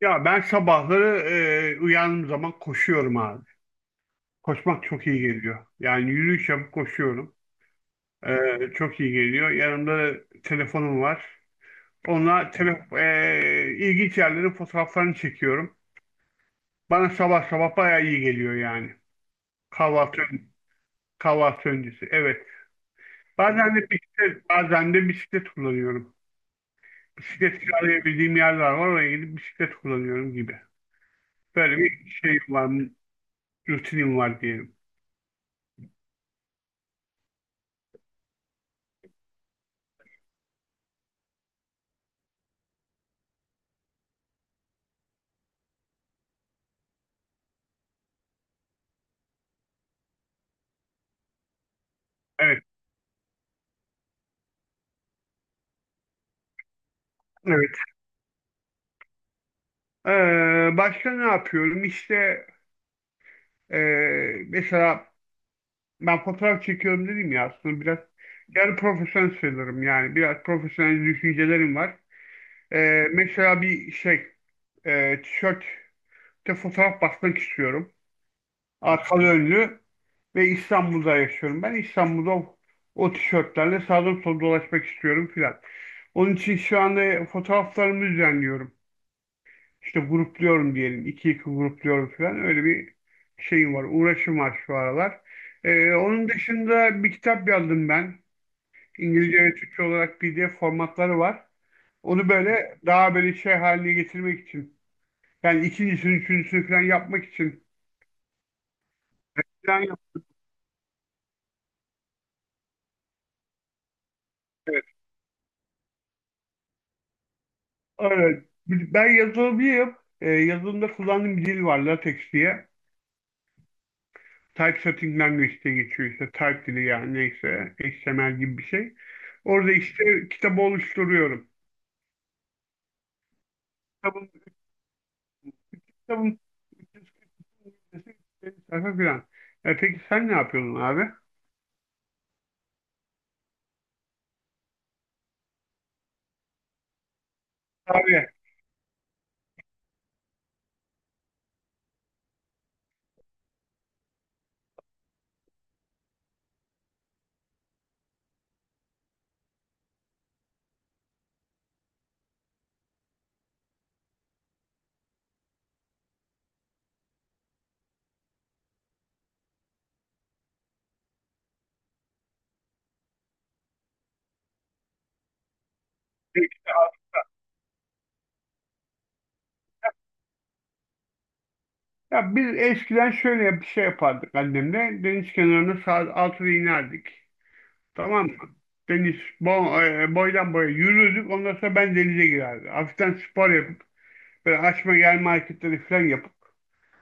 Ya ben sabahları uyandığım zaman koşuyorum abi. Koşmak çok iyi geliyor. Yani yürüyüş yapıp koşuyorum. Çok iyi geliyor. Yanımda da telefonum var. Onunla ilginç yerlerin fotoğraflarını çekiyorum. Bana sabah sabah bayağı iyi geliyor yani. Kahvaltı, Kahvaltı öncesi. Evet. Bazen de bisiklet kullanıyorum. Bisiklet kiralayabildiğim yerler var. Oraya gidip bisiklet kullanıyorum gibi. Böyle bir şey var, rutinim var diyelim. Evet. Başka ne yapıyorum? İşte e, mesela ben fotoğraf çekiyorum dedim ya, aslında biraz yarı profesyonel sayılırım, yani biraz profesyonel düşüncelerim var. Mesela bir şey, tişörtte fotoğraf basmak istiyorum. Arkalı önlü ve İstanbul'da yaşıyorum. Ben İstanbul'da o tişörtlerle sağdan sola dolaşmak istiyorum filan. Onun için şu anda fotoğraflarımı düzenliyorum. İşte grupluyorum diyelim. İki iki grupluyorum falan. Öyle bir şeyim var. Uğraşım var şu aralar. Onun dışında bir kitap yazdım ben. İngilizce ve Türkçe olarak PDF formatları var. Onu böyle daha böyle şey haline getirmek için. Yani ikincisini, üçüncüsünü falan yapmak için. Falan yap- evet. Evet. Ben yazılımcıyım. Yazılımda kullandığım bir dil var. LaTeX diye. Typesetting Language diye geçiyor işte. Type dili yani, neyse. HTML gibi bir şey. Orada işte kitabı oluşturuyorum. kitabın, kitabın 340 sayfa falan. Peki sen ne yapıyordun abi? Abi, ya biz eskiden şöyle bir şey yapardık annemle. Deniz kenarına saat 6'da inerdik. Tamam mı? Deniz boydan boya yürürdük. Ondan sonra ben denize girerdim. Hafiften spor yapıp böyle açma gel hareketleri falan yapıp.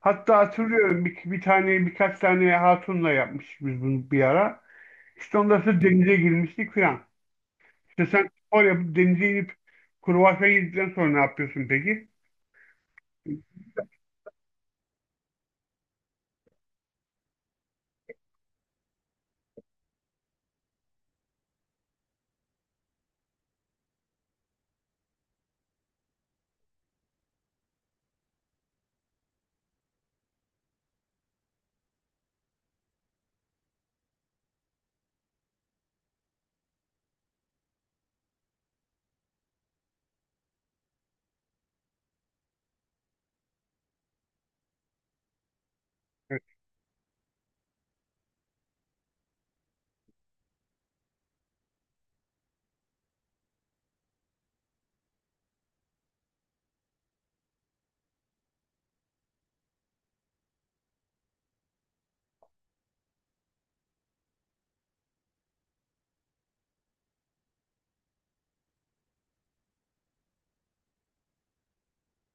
Hatta hatırlıyorum, bir tane, birkaç tane hatunla yapmıştık biz bunu bir ara. İşte ondan sonra denize girmiştik falan. İşte, sen spor yapıp denize inip kruvasan yedikten sonra ne yapıyorsun peki? Evet.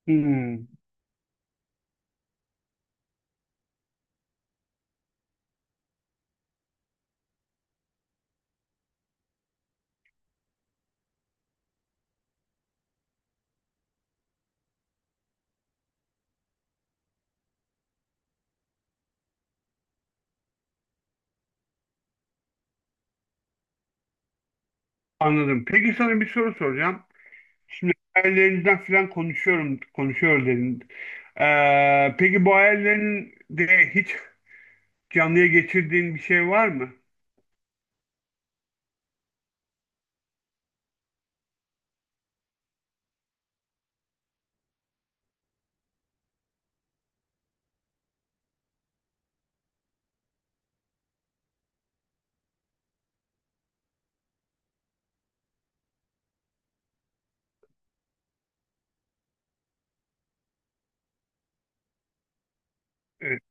Hmm, anladım. Peki, sana bir soru soracağım. Şimdi hayallerinden falan konuşuyorum, konuşuyor dedin. Peki bu hayallerinde hiç canlıya geçirdiğin bir şey var mı? Evet,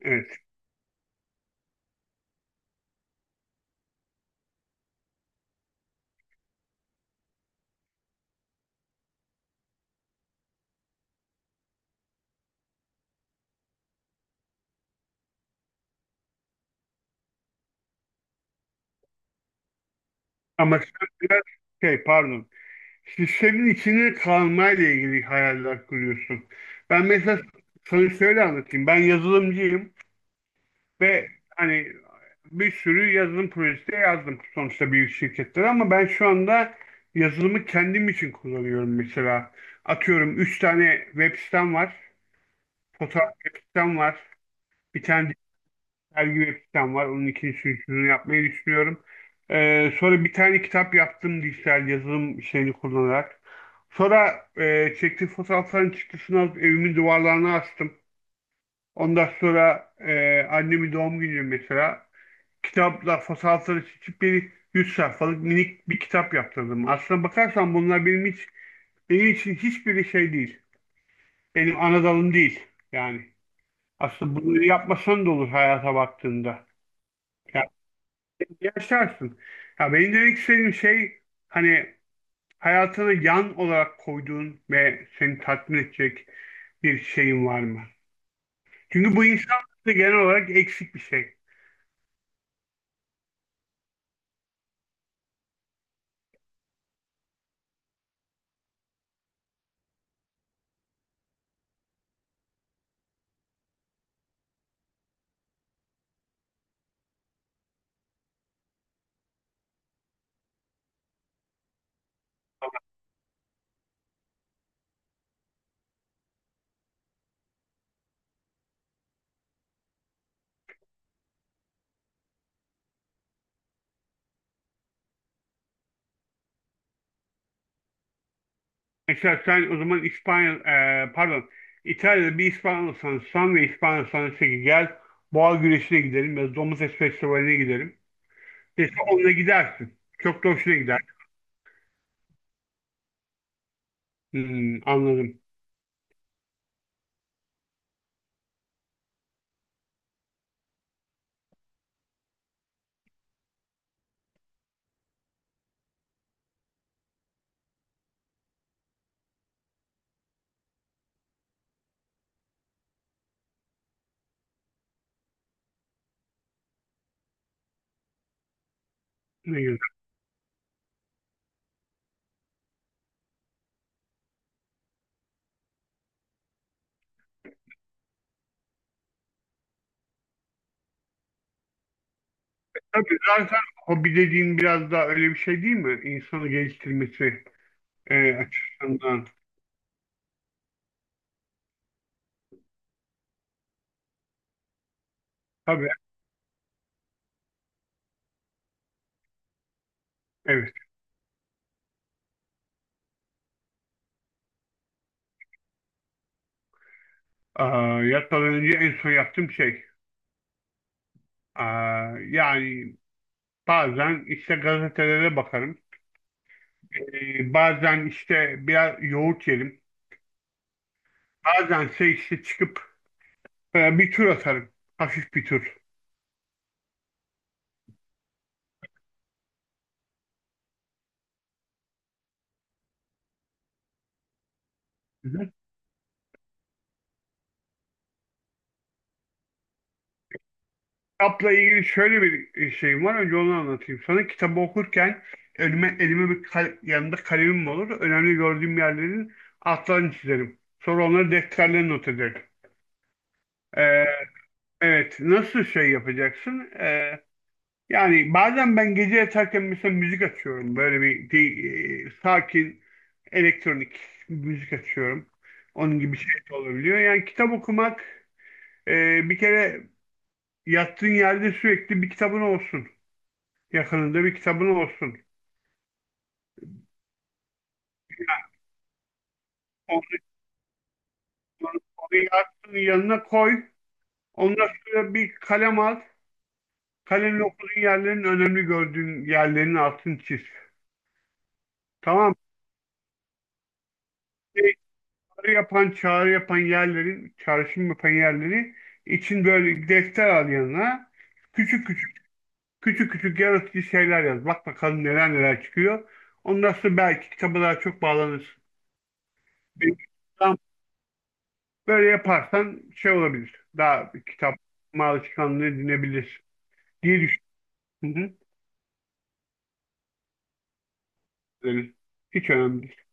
evet. Ama sen biraz şey, pardon. İşte senin içine kalmayla ilgili hayaller kuruyorsun. Ben mesela sana şöyle anlatayım. Ben yazılımcıyım. Ve hani bir sürü yazılım projesi de yazdım sonuçta büyük şirketlere, ama ben şu anda yazılımı kendim için kullanıyorum mesela. Atıyorum, 3 tane web sitem var, fotoğraf web sitem var, bir tane dergi web sitem var. Onun ikincisini, üçüncüsünü yapmayı düşünüyorum. Sonra bir tane kitap yaptım dijital yazılım şeyini kullanarak. Sonra çektiğim fotoğrafların çıktısını alıp evimin duvarlarına astım. Ondan sonra annemin doğum günü mesela, kitapla fasalları seçip bir 100 sayfalık minik bir kitap yaptırdım. Aslına bakarsan bunlar benim hiç, benim için hiçbir şey değil. Benim ana dalım değil. Yani aslında bunu yapmasan da olur hayata baktığında. Yani yaşarsın. Ya, benim demek istediğim şey, hani, hayatını yan olarak koyduğun ve seni tatmin edecek bir şeyin var mı? Çünkü bu insanlarda genel olarak eksik bir şey. Mesela sen o zaman İspanya, pardon, İtalya'da bir İspanyolsan, sen ve İspanyolsan dese ki gel boğa güreşine gidelim ya da domuz et festivaline gidelim. Dese onunla gidersin. Çok da hoşuna gider. Hmm, anladım. Ne güzel. Tabii, zaten hobi dediğin biraz daha öyle bir şey değil mi? İnsanı geliştirmesi açısından. Tabii, evet. Aa, yatmadan önce en son yaptığım şey. Aa, yani bazen işte gazetelere bakarım. Bazen işte biraz yoğurt yerim. Bazense işte çıkıp bir tur atarım. Hafif bir tur. Hı. Kitapla ilgili şöyle bir şeyim var. Önce onu anlatayım sana. Kitabı okurken önüme, elime yanında kalemim olur. Önemli gördüğüm yerlerin altlarını çizerim. Sonra onları defterlerine not ederim. E, evet. Nasıl şey yapacaksın? Yani bazen ben gece yatarken mesela müzik açıyorum. Böyle sakin elektronik müzik açıyorum. Onun gibi şey de olabiliyor. Yani kitap okumak, bir kere, yattığın yerde sürekli bir kitabın olsun. Yakınında bir kitabın olsun. Onu, Onu yattığın yanına koy. Ondan sonra bir kalem al. Kalemle okuduğun yerlerin, önemli gördüğün yerlerin altını çiz. Tamam mı? Çağrı yapan yerlerin, çağrışım yapan yerleri için böyle defter al yanına, küçük küçük küçük küçük yaratıcı şeyler yaz. Bak bakalım neler neler çıkıyor. Ondan sonra belki kitaba daha çok bağlanırsın. Bir- tam Böyle yaparsan şey olabilir. Daha bir kitap alışkanlığı edinebilir diye düşünüyorum. Hı hı. Öyle. Hiç önemli değil.